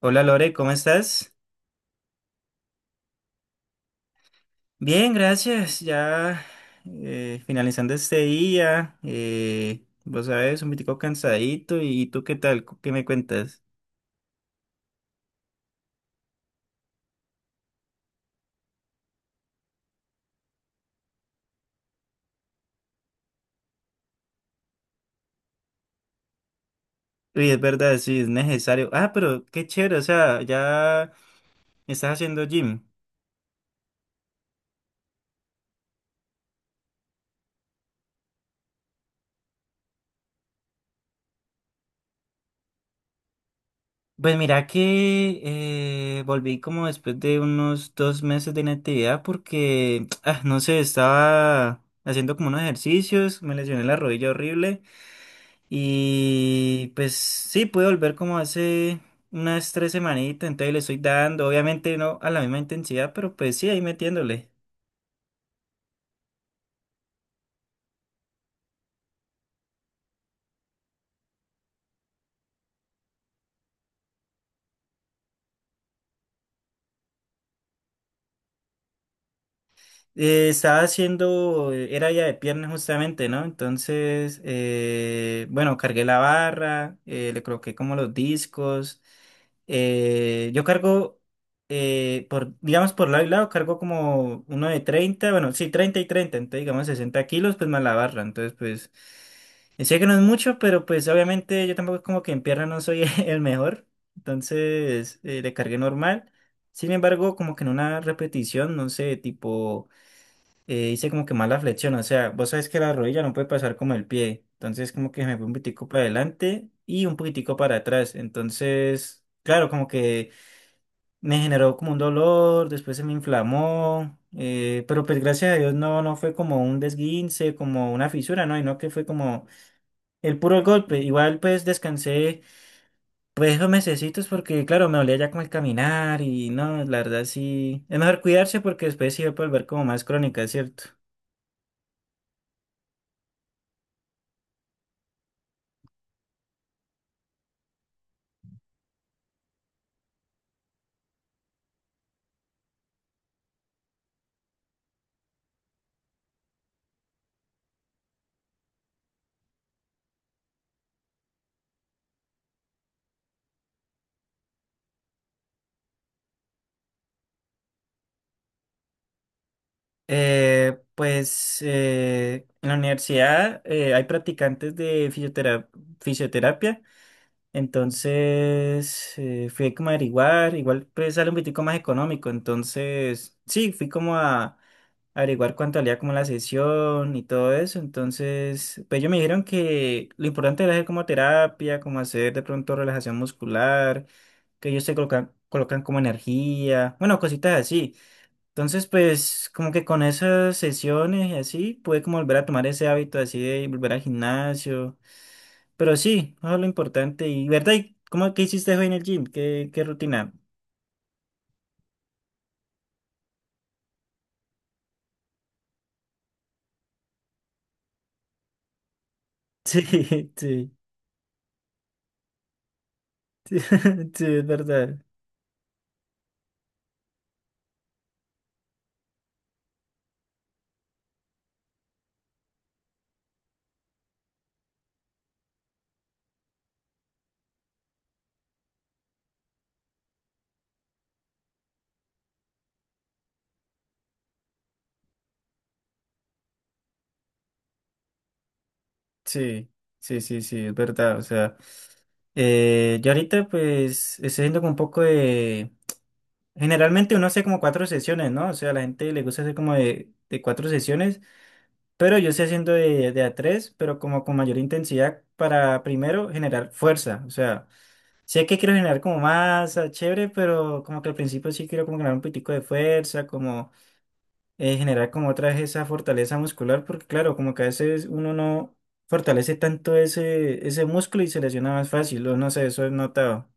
Hola Lore, ¿cómo estás? Bien, gracias. Ya finalizando este día, vos sabes, un poquito cansadito. ¿Y tú qué tal? ¿Qué me cuentas? Uy, es verdad, sí, es necesario. Ah, pero qué chévere, o sea, ya estás haciendo gym. Pues mira que volví como después de unos 2 meses de inactividad porque, ah, no sé, estaba haciendo como unos ejercicios, me lesioné la rodilla horrible. Y pues sí, pude volver como hace unas 3 semanitas, entonces le estoy dando, obviamente no a la misma intensidad, pero pues sí, ahí metiéndole. Estaba haciendo, era ya de piernas justamente, ¿no? Entonces, bueno, cargué la barra, le coloqué como los discos. Yo cargo, por, digamos, por lado y lado, cargo como uno de 30, bueno, sí, 30 y 30, entonces digamos 60 kilos, pues más la barra. Entonces, pues, sé que no es mucho, pero pues obviamente yo tampoco como que en pierna no soy el mejor. Entonces, le cargué normal. Sin embargo, como que en una repetición, no sé, tipo hice como que mala flexión, o sea, vos sabes que la rodilla no puede pasar como el pie, entonces como que me fui un poquitico para adelante y un poquitico para atrás, entonces, claro, como que me generó como un dolor, después se me inflamó, pero pues gracias a Dios no, no fue como un desguince, como una fisura, no, y no que fue como el puro golpe, igual pues descansé pues esos mesecitos porque claro, me dolía ya como el caminar y no, la verdad sí, es mejor cuidarse porque después sí va a volver como más crónica, ¿cierto? Pues en la universidad hay practicantes de fisioterapia, entonces fui como a averiguar, igual pues sale un poquitico más económico, entonces sí, fui como a averiguar cuánto valía como la sesión y todo eso, entonces pues ellos me dijeron que lo importante era hacer como terapia, como hacer de pronto relajación muscular, que ellos se colocan como energía, bueno, cositas así. Entonces, pues, como que con esas sesiones y así, pude como volver a tomar ese hábito así de volver al gimnasio. Pero sí, eso es lo importante. Y, ¿verdad? ¿Cómo que hiciste hoy en el gym? ¿Qué, qué rutina? Sí, sí, sí, sí, es verdad. Sí, sí, sí, sí, es verdad. O sea, yo ahorita pues estoy haciendo como un poco de... Generalmente uno hace como 4 sesiones, ¿no? O sea, a la gente le gusta hacer como de 4 sesiones. Pero yo estoy haciendo de a tres, pero como con mayor intensidad para primero generar fuerza. O sea, sé que quiero generar como masa, chévere, pero como que al principio sí quiero como generar un poquitico de fuerza, como generar como otra vez esa fortaleza muscular, porque claro, como que a veces uno no fortalece tanto ese músculo y se lesiona más fácil, o no sé, eso he notado.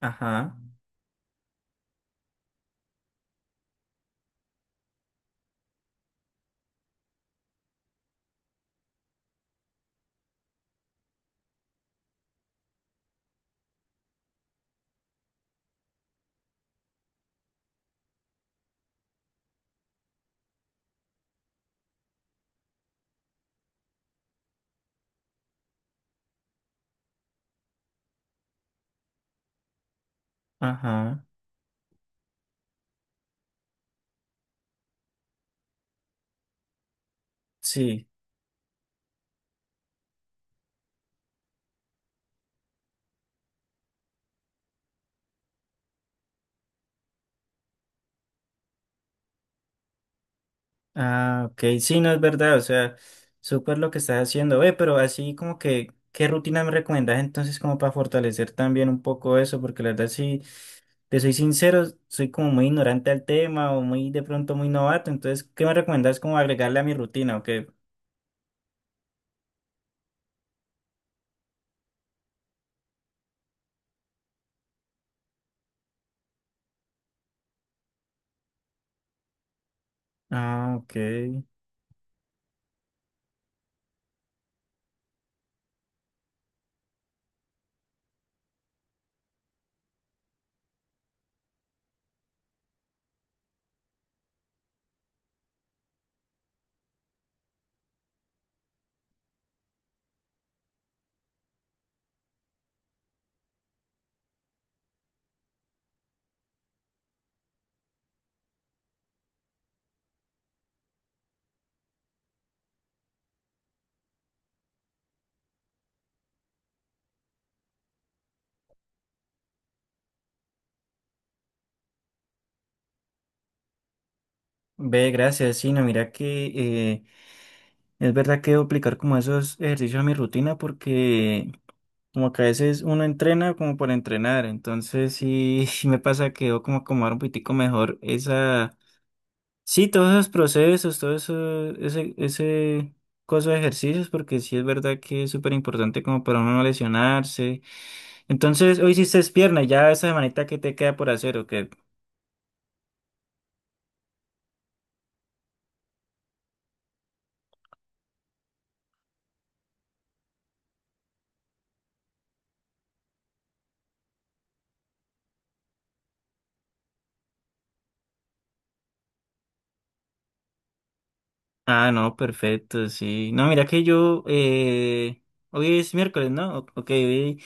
Ajá, ajá, sí. Ah, ok, sí, no es verdad, o sea, súper lo que estás haciendo, ve, pero así como que, ¿qué rutina me recomiendas entonces como para fortalecer también un poco eso? Porque la verdad, sí, te soy sincero, soy como muy ignorante al tema o muy de pronto muy novato, entonces, ¿qué me recomiendas como agregarle a mi rutina o qué? Ah, ok, ve, gracias, sí, no, mira que es verdad que debo aplicar como esos ejercicios a mi rutina porque... Como que a veces uno entrena como por entrenar, entonces sí, sí me pasa que yo como acomodar un poquitico mejor esa, sí, todos esos procesos, todo eso, ese coso de ejercicios, porque sí es verdad que es súper importante como para uno no lesionarse. Entonces, hoy hiciste pierna, ya esa semanita que te queda por hacer, ¿o qué? Ah, no, perfecto, sí. No, mira que yo, hoy es miércoles, ¿no? Ok, hoy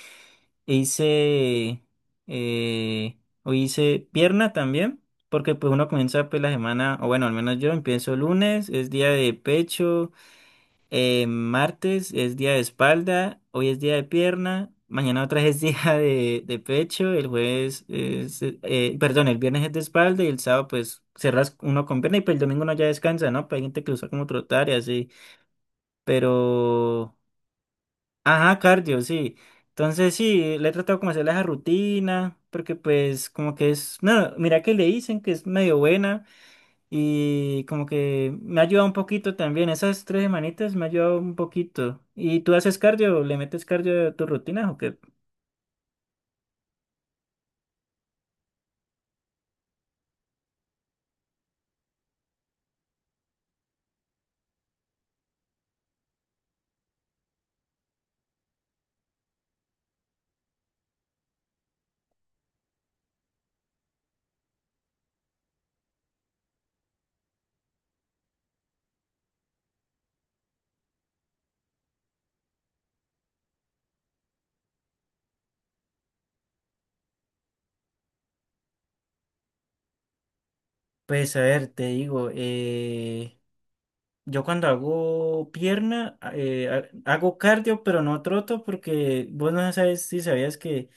e hice, eh, hoy hice pierna también, porque pues uno comienza pues la semana, o bueno, al menos yo empiezo lunes, es día de pecho, martes es día de espalda, hoy es día de pierna, mañana otra vez es día de pecho, el jueves es, perdón, el viernes es de espalda y el sábado pues cerras uno con pierna y pues el domingo uno ya descansa, ¿no? Pues hay gente que usa como trotar y así, pero... Ajá, cardio, sí. Entonces sí, le he tratado como hacer esa rutina, porque pues como que es, no, mira que le dicen que es medio buena y como que me ha ayudado un poquito también, esas 3 semanitas me ha ayudado un poquito. ¿Y tú haces cardio? ¿Le metes cardio a tu rutina o qué? Pues a ver, te digo, yo cuando hago pierna, hago cardio, pero no troto, porque vos no sabes si sabías que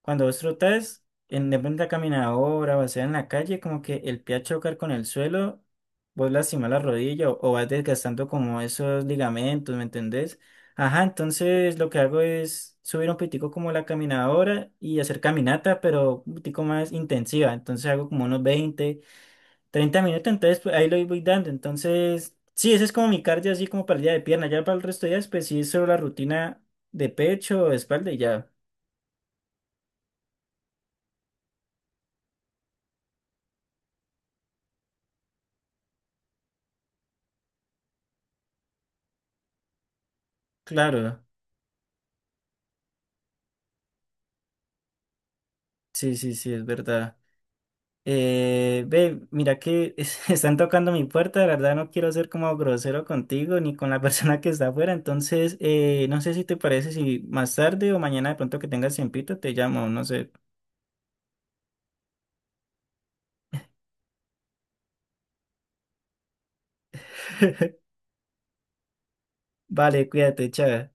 cuando vos trotas en de pronto la caminadora o sea en la calle, como que el pie a chocar con el suelo, vos lastimás la rodilla o vas desgastando como esos ligamentos, ¿me entendés? Ajá, entonces lo que hago es subir un pitico como la caminadora y hacer caminata, pero un pitico más intensiva. Entonces hago como unos 20 a 30 minutos, entonces pues, ahí lo voy dando. Entonces, sí, ese es como mi cardio así como para el día de pierna. Ya para el resto de días, pues sí, solo la rutina de pecho, espalda y ya. Claro. Sí, sí, sí, es verdad. Ve, mira que están tocando mi puerta, de verdad no quiero ser como grosero contigo ni con la persona que está afuera, entonces no sé si te parece si más tarde o mañana de pronto que tengas tiempito te llamo, no sé. Vale, cuídate, chao.